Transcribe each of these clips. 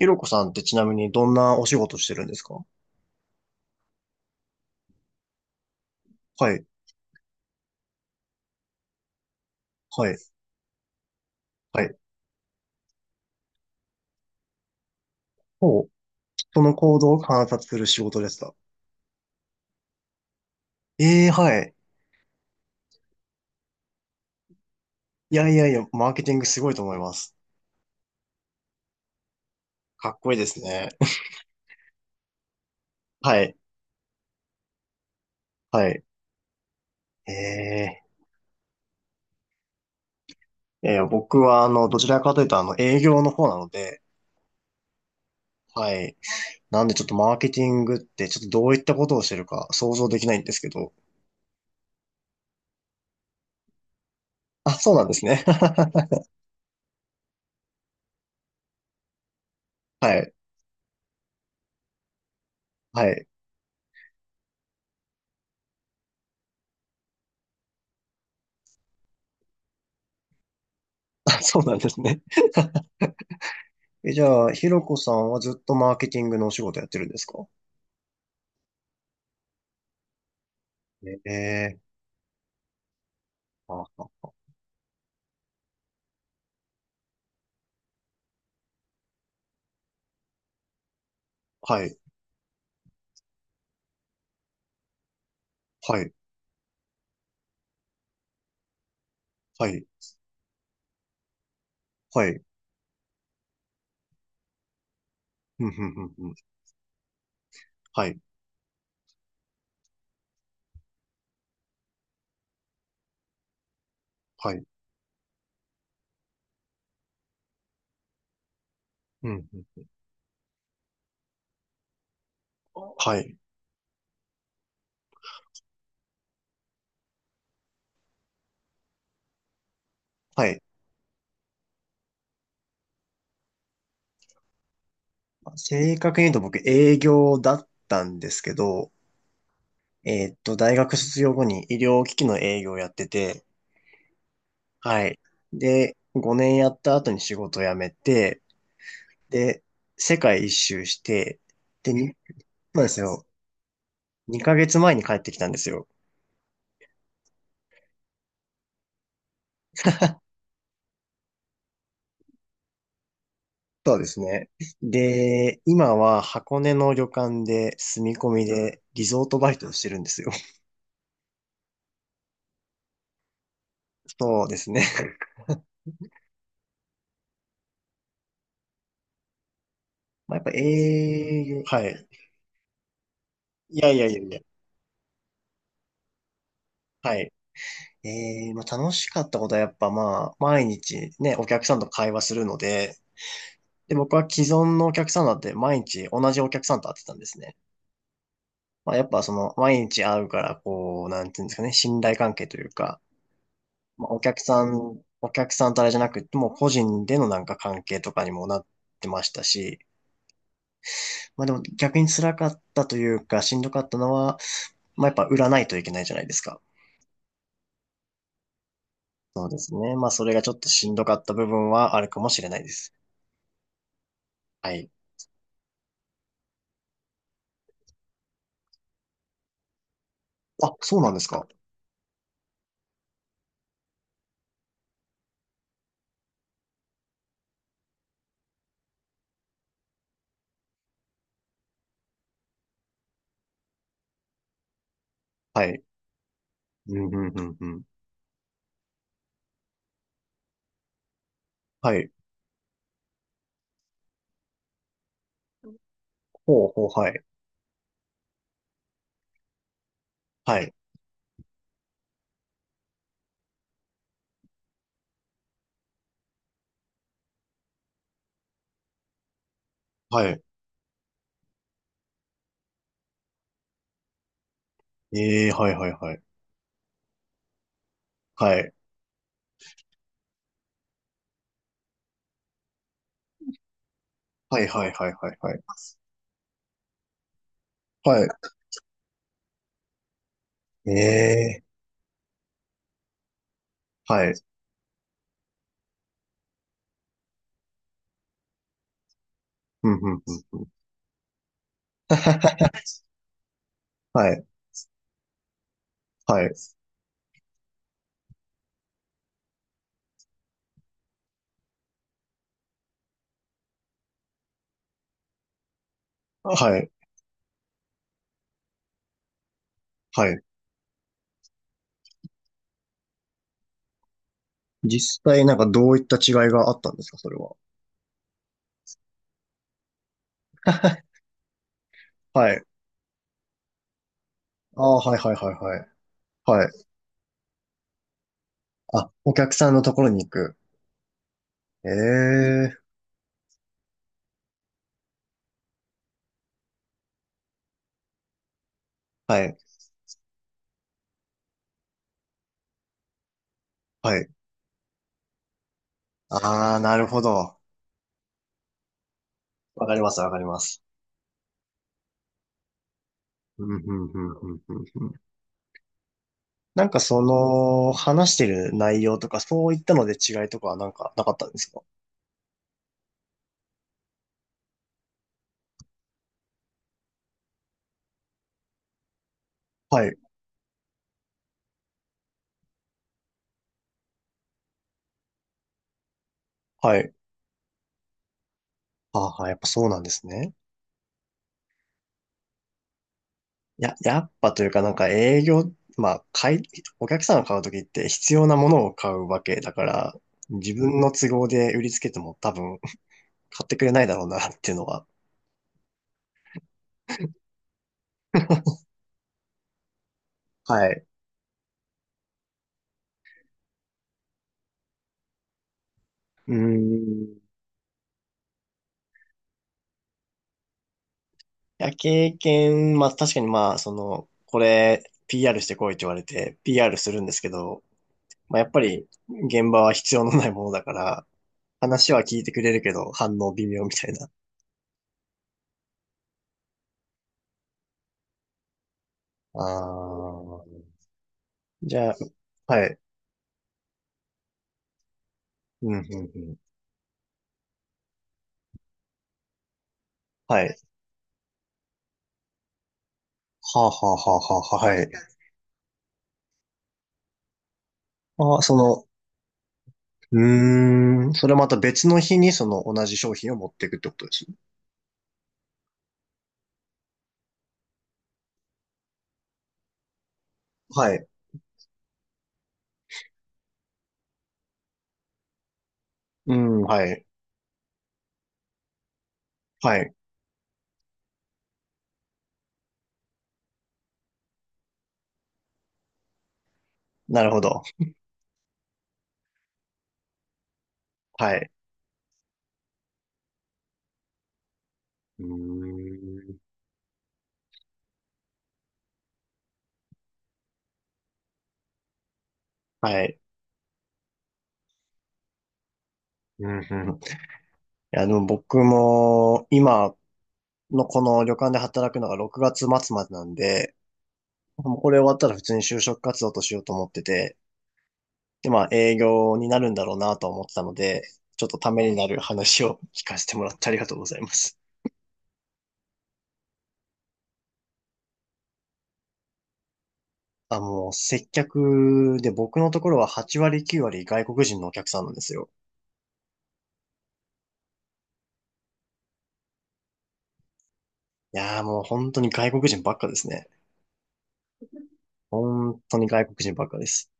ひろこさんってちなみにどんなお仕事してるんですか？はい、はい、はい。ほう、人の行動を観察する仕事ですか？ええー、はい。いやいやいや、マーケティングすごいと思います。かっこいいですね。はい、はい。ええー、いやいや僕はどちらかというと営業の方なので、はい。なんでちょっとマーケティングってちょっとどういったことをしてるか想像できないんですけど。あ、そうなんですね。はい、はい。あ、そうなんですね。え、じゃあ、ひろこさんはずっとマーケティングのお仕事やってるんですか？ええーあははい、はい、はい、はい、うん、うん、うん、うんはい、はい、うん、うん、はい、はい。正確に言うと僕営業だったんですけど、大学卒業後に医療機器の営業をやってて、はい。で、5年やった後に仕事を辞めて、で、世界一周して、で、そうですよ。2ヶ月前に帰ってきたんですよ。そうですね。で、今は箱根の旅館で住み込みでリゾートバイトをしてるんですよ。そうですね。まあ、やっぱ営業、はい。いやいやいやいや。はい。まあ、楽しかったことはやっぱまあ、毎日ね、お客さんと会話するので、で、僕は既存のお客さんだって毎日同じお客さんと会ってたんですね。まあ、やっぱその、毎日会うから、こう、なんていうんですかね、信頼関係というか、まあ、お客さんとあれじゃなくて、もう個人でのなんか関係とかにもなってましたし、まあでも逆に辛かったというか、しんどかったのは、まあやっぱ売らないといけないじゃないですか。そうですね。まあそれがちょっとしんどかった部分はあるかもしれないです。はい。あ、そうなんですか。はい。うん、うん、うん、うん。はい。ほうほう、はい。はい。はい。ええ、はい、はい、はい。はい。はい、はい、はい、はい、はい。はい。ええ、はい。うん、うん、うん、うん。はい。はい。はい。はい。実際なんかどういった違いがあったんですか、それは？はい。ああ、はいはいはいはい。はい。あ、お客さんのところに行く。ええはい。はい。ああ、なるほど。わかります、わかります。うん、うん、うん、うん、うん。うんなんかその、話してる内容とか、そういったので違いとかはなんかなかったんですか？はい。はい。ああ、やっぱそうなんですね。や、やっぱというかなんか営業、まあ、買い、お客さんが買うときって必要なものを買うわけだから、自分の都合で売りつけても多分買ってくれないだろうなっていうのは。はい。うーん。いや、経験、まあ確かにまあ、その、これ PR してこいって言われて PR するんですけど、まあやっぱり現場は必要のないものだから、話は聞いてくれるけど反応微妙みたいな。ああ。じゃあ、はい。うん、うん、うん。はい。はあはあはあはあ、はい。あ、その、うーん、それまた別の日にその同じ商品を持っていくってことです。はい。うん、はい。はい。なるほど。はい。うーん。はい。うん、うん。いや、でも僕も今のこの旅館で働くのが6月末までなんで、もうこれ終わったら普通に就職活動としようと思ってて、で、まあ営業になるんだろうなと思ってたので、ちょっとためになる話を聞かせてもらってありがとうございます。あ、もう接客で僕のところは8割9割外国人のお客さんなんですよ。いやーもう本当に外国人ばっかですね。本当に外国人ばっかです。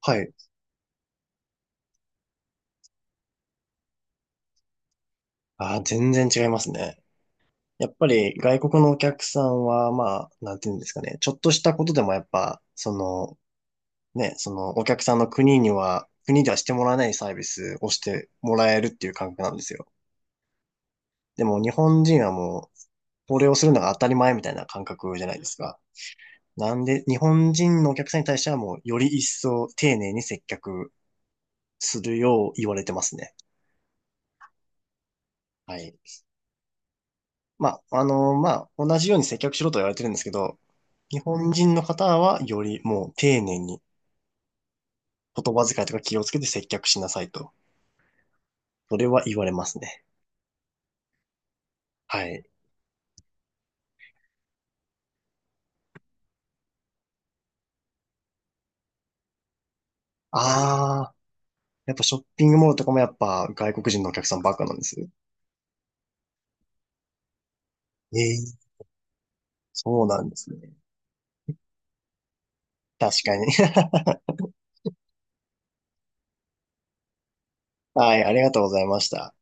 はい。あー、全然違いますね。やっぱり外国のお客さんは、まあ、なんていうんですかね。ちょっとしたことでもやっぱ、その、ね、そのお客さんの国には、国ではしてもらえないサービスをしてもらえるっていう感覚なんですよ。でも日本人はもう、これをするのが当たり前みたいな感覚じゃないですか。なんで、日本人のお客さんに対してはもう、より一層丁寧に接客するよう言われてますね。はい。まあ、まあ、同じように接客しろとは言われてるんですけど、日本人の方はよりもう丁寧に言葉遣いとか気をつけて接客しなさいと。それは言われますね。はい。ああ、やっぱショッピングモールとかもやっぱ外国人のお客さんばっかなんですよ。ええ、そうなんですね。確かに。はい、ありがとうございました。